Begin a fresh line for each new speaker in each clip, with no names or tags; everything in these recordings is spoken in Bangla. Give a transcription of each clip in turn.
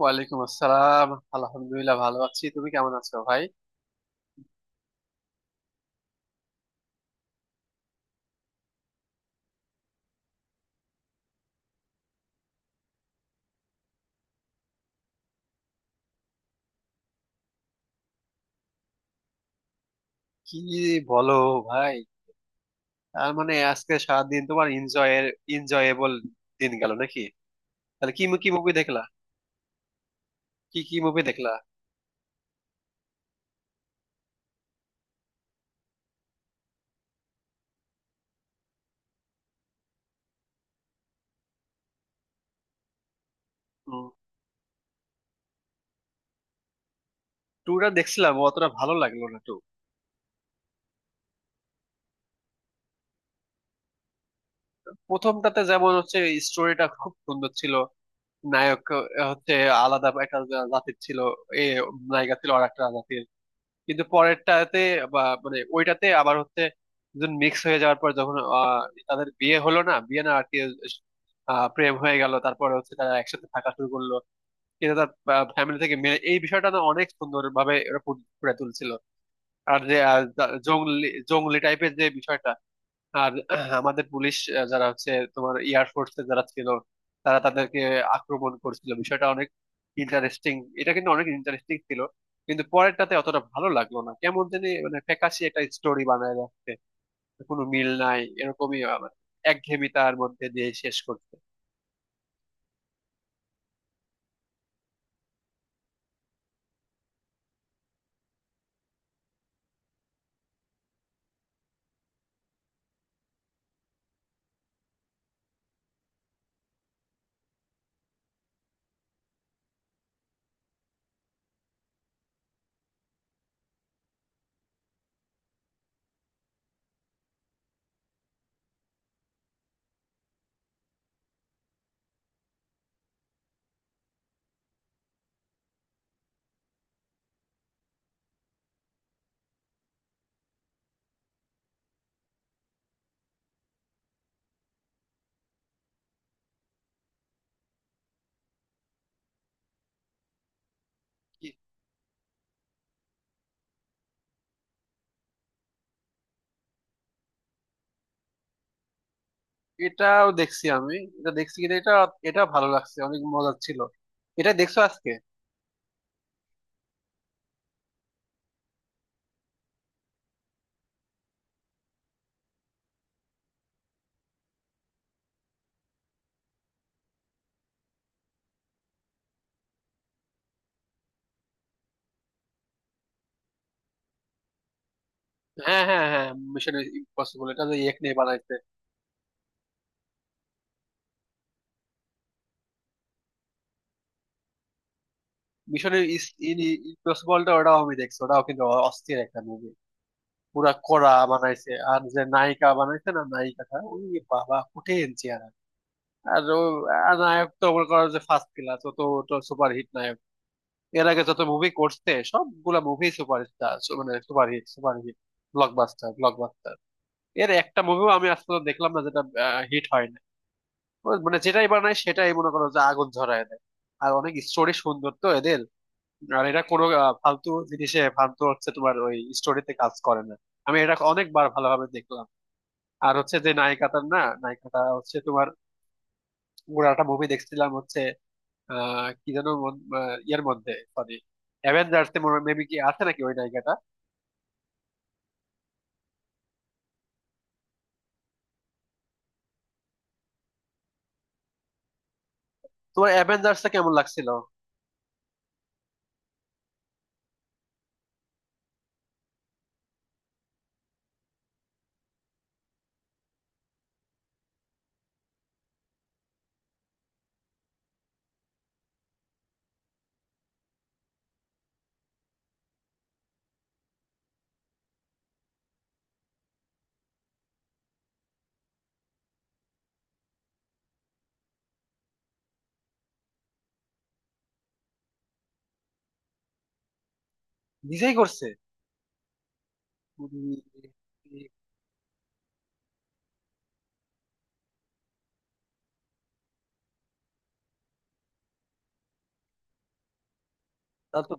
ওয়ালাইকুম আসসালাম। আলহামদুলিল্লাহ ভালো আছি, তুমি কেমন আছো ভাই? কি বলো ভাই, তার মানে আজকে সারাদিন তোমার এনজয়েবল দিন গেল নাকি? তাহলে কি কি মুভি দেখলা? কি কি মুভি দেখলা? হম, টুটা দেখছিলাম, অতটা ভালো লাগলো না টু। প্রথমটাতে যেমন হচ্ছে, স্টোরিটা খুব সুন্দর ছিল। নায়ক হচ্ছে আলাদা একটা জাতির ছিল, এ, নায়িকা ছিল আর একটা জাতির। কিন্তু পরেরটাতে বা মানে ওইটাতে আবার হচ্ছে, দুজন মিক্স হয়ে যাওয়ার পর যখন তাদের বিয়ে হলো, না বিয়ে না আর কি, প্রেম হয়ে গেল, তারপরে হচ্ছে তারা একসাথে থাকা শুরু করলো। কিন্তু তার ফ্যামিলি থেকে মেনে এই বিষয়টা না, অনেক সুন্দর ভাবে ওরা ফুটে তুলছিল। আর যে জংলি জংলি টাইপের যে বিষয়টা, আর আমাদের পুলিশ যারা হচ্ছে তোমার এয়ারফোর্স এ যারা ছিল, তারা তাদেরকে আক্রমণ করছিল, বিষয়টা অনেক ইন্টারেস্টিং। এটা কিন্তু অনেক ইন্টারেস্টিং ছিল। কিন্তু পরেরটাতে অতটা ভালো লাগলো না, কেমন জানি মানে ফ্যাকাশে একটা স্টোরি বানায় রাখছে, কোনো মিল নাই, এরকমই আবার একঘেয়েমিতার মধ্যে দিয়ে শেষ করছে। কি- এটাও দেখছি আমি, এটা দেখছি, কিন্তু এটা এটা ভালো লাগছে, অনেক মজার ছিল। এটা দেখছো আজকে? হ্যাঁ হ্যাঁ হ্যাঁ, মিশন ইম্পসিবল, এটা যে এক নিয়ে বানাইছে। মিশনের ইম্পসিবলটা, ওটাও আমি দেখছি, ওটাও কিন্তু অস্থির একটা মুভি, পুরা কড়া বানাইছে। আর যে নায়িকা বানাইছে না, নায়িকাটা ওই, বাবা কঠিন চেহারা। আর ও, আর নায়ক তো মনে করো যে ফার্স্ট ক্লাস, ও তো সুপার হিট নায়ক। এর আগে যত মুভি করছে সবগুলা মুভি সুপার, মানে super hit, super hit, blockbuster, blockbuster. এর একটা মুভিও আমি আজ পর্যন্ত দেখলাম না যেটা হিট হয় না। ও মানে যেটাই বানায় সেটাই মনে করো যে আগুন ঝরায় দেয়। আর অনেক স্টোরি সুন্দর তো এদের। আর এটা কোনো ফালতু জিনিসে, ফালতু হচ্ছে তোমার ওই স্টোরিতে কাজ করে না। আমি এটা অনেকবার ভালোভাবে দেখলাম। আর হচ্ছে যে নায়িকাটার না, নায়িকাটা হচ্ছে তোমার, পুরো একটা মুভি দেখছিলাম হচ্ছে, আহ কি যেন ইয়ের মধ্যে, সরি, অ্যাভেঞ্জার্স এ মেবি কি আছে নাকি ওই নায়িকাটা। তোমার অ্যাভেঞ্জার্স এ কেমন লাগছিল? নিজেই করছে? উম, তা তো।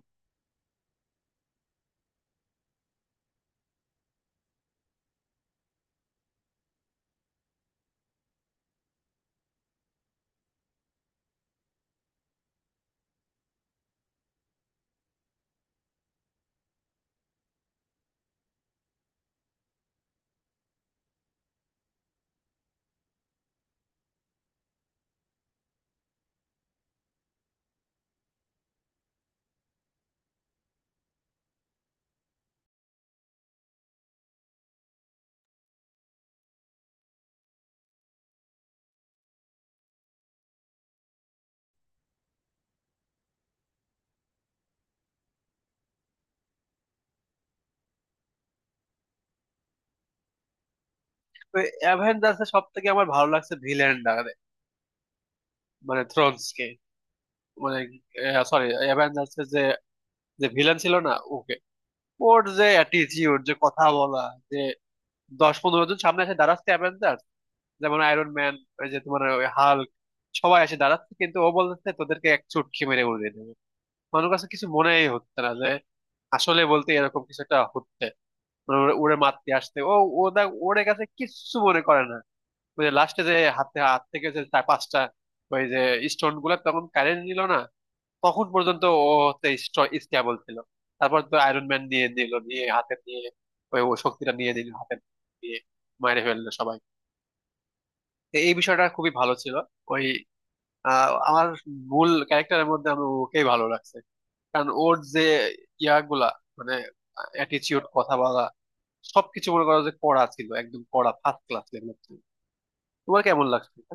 অ্যাভেঞ্জার্স এ সব থেকে আমার ভালো লাগছে ভিলেনটা, মানে থ্রোনস কে, মানে সরি, অ্যাভেঞ্জার্স এর যে, যে ভিলেন ছিল না, ওর যে অ্যাটিটিউড, যে কথা বলা, যে দশ পনেরো জন সামনে এসে দাঁড়াচ্ছে অ্যাভেঞ্জার, যেমন আয়রন ম্যান, ওই যে তোমার ওই হাল্ক, সবাই এসে দাঁড়াচ্ছে কিন্তু ও বলতেছে তোদেরকে এক চুটকি মেরে উড়িয়ে দেবে। মানুষ কাছে কিছু মনেই হচ্ছে না যে, আসলে বলতে এরকম কিছু একটা হচ্ছে, মানে ওরে ওরে মারতে আসতে ও ওদের ওরে কাছে কিচ্ছু মনে করে না। ওই যে লাস্টে যে হাতে, হাত থেকে যে চার পাঁচটা ওই যে স্টোন গুলা তখন কারেন্ট নিল না, তখন পর্যন্ত ও হচ্ছে স্টেবল ছিল। তারপর তো আয়রন ম্যান নিয়ে দিল, নিয়ে হাতে নিয়ে, ওই ও শক্তিটা নিয়ে দিল হাতে নিয়ে, মেরে ফেললো সবাই। তো এই বিষয়টা খুবই ভালো ছিল। ওই, আমার মূল ক্যারেক্টারের মধ্যে আমি ওকেই ভালো লাগছে। কারণ ওর যে ইয়াগুলা, মানে অ্যাটিচিউড, কথা বলা, সবকিছু মনে করো যে কড়া ছিল, একদম কড়া, ফার্স্ট ক্লাস লেভেল। তোমার কেমন লাগছে এটা?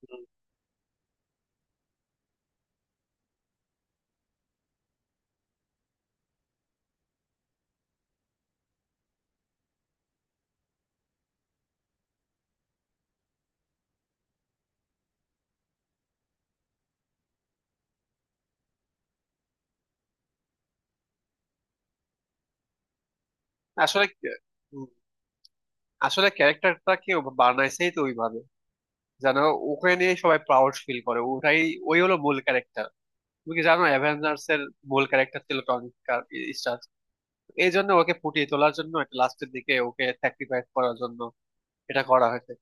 হুম। আসলে হুম, আসলে ক্যারেক্টারটাকে বানাইছেই তো ওইভাবে, যেন ওকে নিয়ে সবাই প্রাউড ফিল করে, ওটাই, ওই হলো মূল ক্যারেক্টার। তুমি কি জানো অ্যাভেঞ্জার্স এর মূল ক্যারেক্টার ছিল টনি স্টার্ক। এই জন্য ওকে ফুটিয়ে তোলার জন্য, এটা লাস্টের দিকে ওকে স্যাক্রিফাইস করার জন্য এটা করা হয়েছে।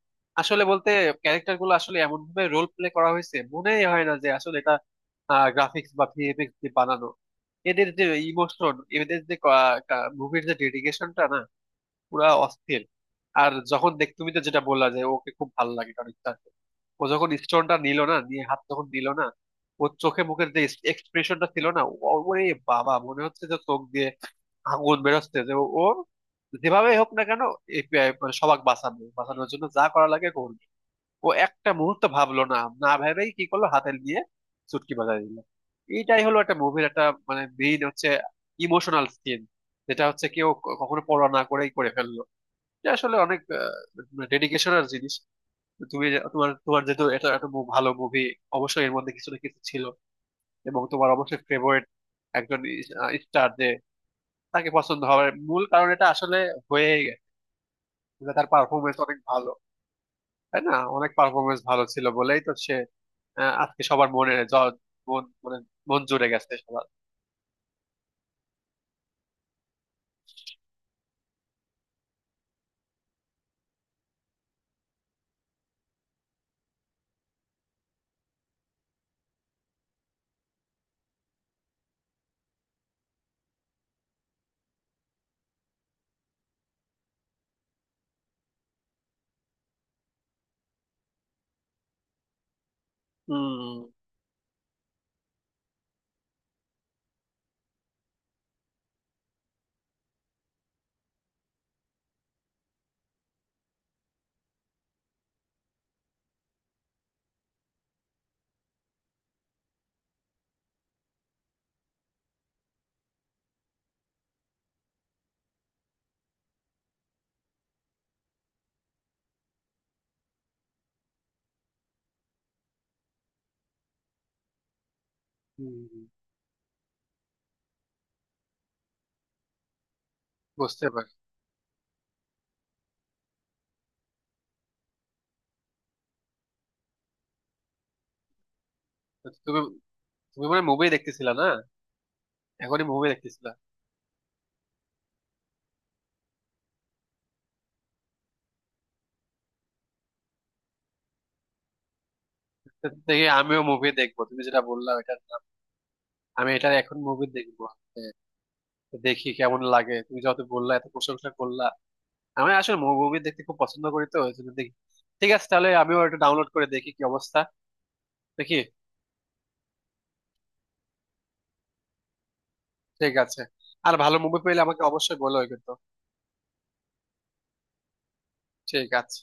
আসলে বলতে ক্যারেক্টার গুলো আসলে এমন ভাবে রোল প্লে করা হয়েছে, মনেই হয় না যে আসলে এটা গ্রাফিক্স বা ভিএফএক্স দিয়ে বানানো। এদের যে ইমোশন, এদের যে মুভির যে ডেডিকেশনটা না, পুরা অস্থির। আর যখন দেখ, তুমি তো যেটা বললা যে ওকে খুব ভালো লাগে কারণ ও যখন স্টোনটা নিল, না নিয়ে হাত যখন দিল না, ওর চোখে মুখের যে এক্সপ্রেশনটা ছিল না, ওরে বাবা, মনে হচ্ছে যে চোখ দিয়ে আগুন বেরোচ্ছে, যে ও ও যেভাবে হোক না কেন এই মানে সবাক বাঁচানো, বাঁচানোর জন্য যা করা লাগে করবে। ও একটা মুহূর্ত ভাবলো না, না ভেবেই কি করলো, হাতে নিয়ে চুটকি বাজায় দিল। এইটাই হলো একটা মুভির একটা মানে মেইন হচ্ছে ইমোশনাল সিন, যেটা হচ্ছে কেউ কখনো পড়া না করেই করে ফেললো, যে আসলে অনেক ডেডিকেশন আর জিনিস। তো তুমি যে- তোমার তোমার যেহেতু এটা এত ভালো মুভি, অবশ্যই এর মধ্যে কিছু না কিছু ছিল, এবং তোমার অবশ্যই ফেভারিট একজন স্টার যে, তাকে পছন্দ হওয়ার মূল কারণ এটা আসলে হয়ে গেছে, তার পারফরমেন্স অনেক ভালো। তাই না, অনেক পারফরমেন্স ভালো ছিল বলেই তো সে আজকে সবার মনে মন মানে মন জুড়ে গেছে সবার। হম, বুঝতে পারি। তো তুমি তুমি মানে মুভি দেখতেছিলা না, এখনই মুভি দেখতেছিলা? তো দেখি আমিও মুভি দেখবো, তুমি যেটা বললা ওইটা আমি এটা এখন মুভি দেখবো। হ্যাঁ, তো দেখি কেমন লাগে, তুমি যত বললা, এত প্রশংসা করলা, আমি আসলে মুভি দেখতে খুব পছন্দ করি, তো ওই জন্য দেখি। ঠিক আছে, তাহলে আমিও এটা ডাউনলোড করে দেখি কি অবস্থা, দেখি। ঠিক আছে, আর ভালো মুভি পেলে আমাকে অবশ্যই বলো কিন্তু। ঠিক আছে।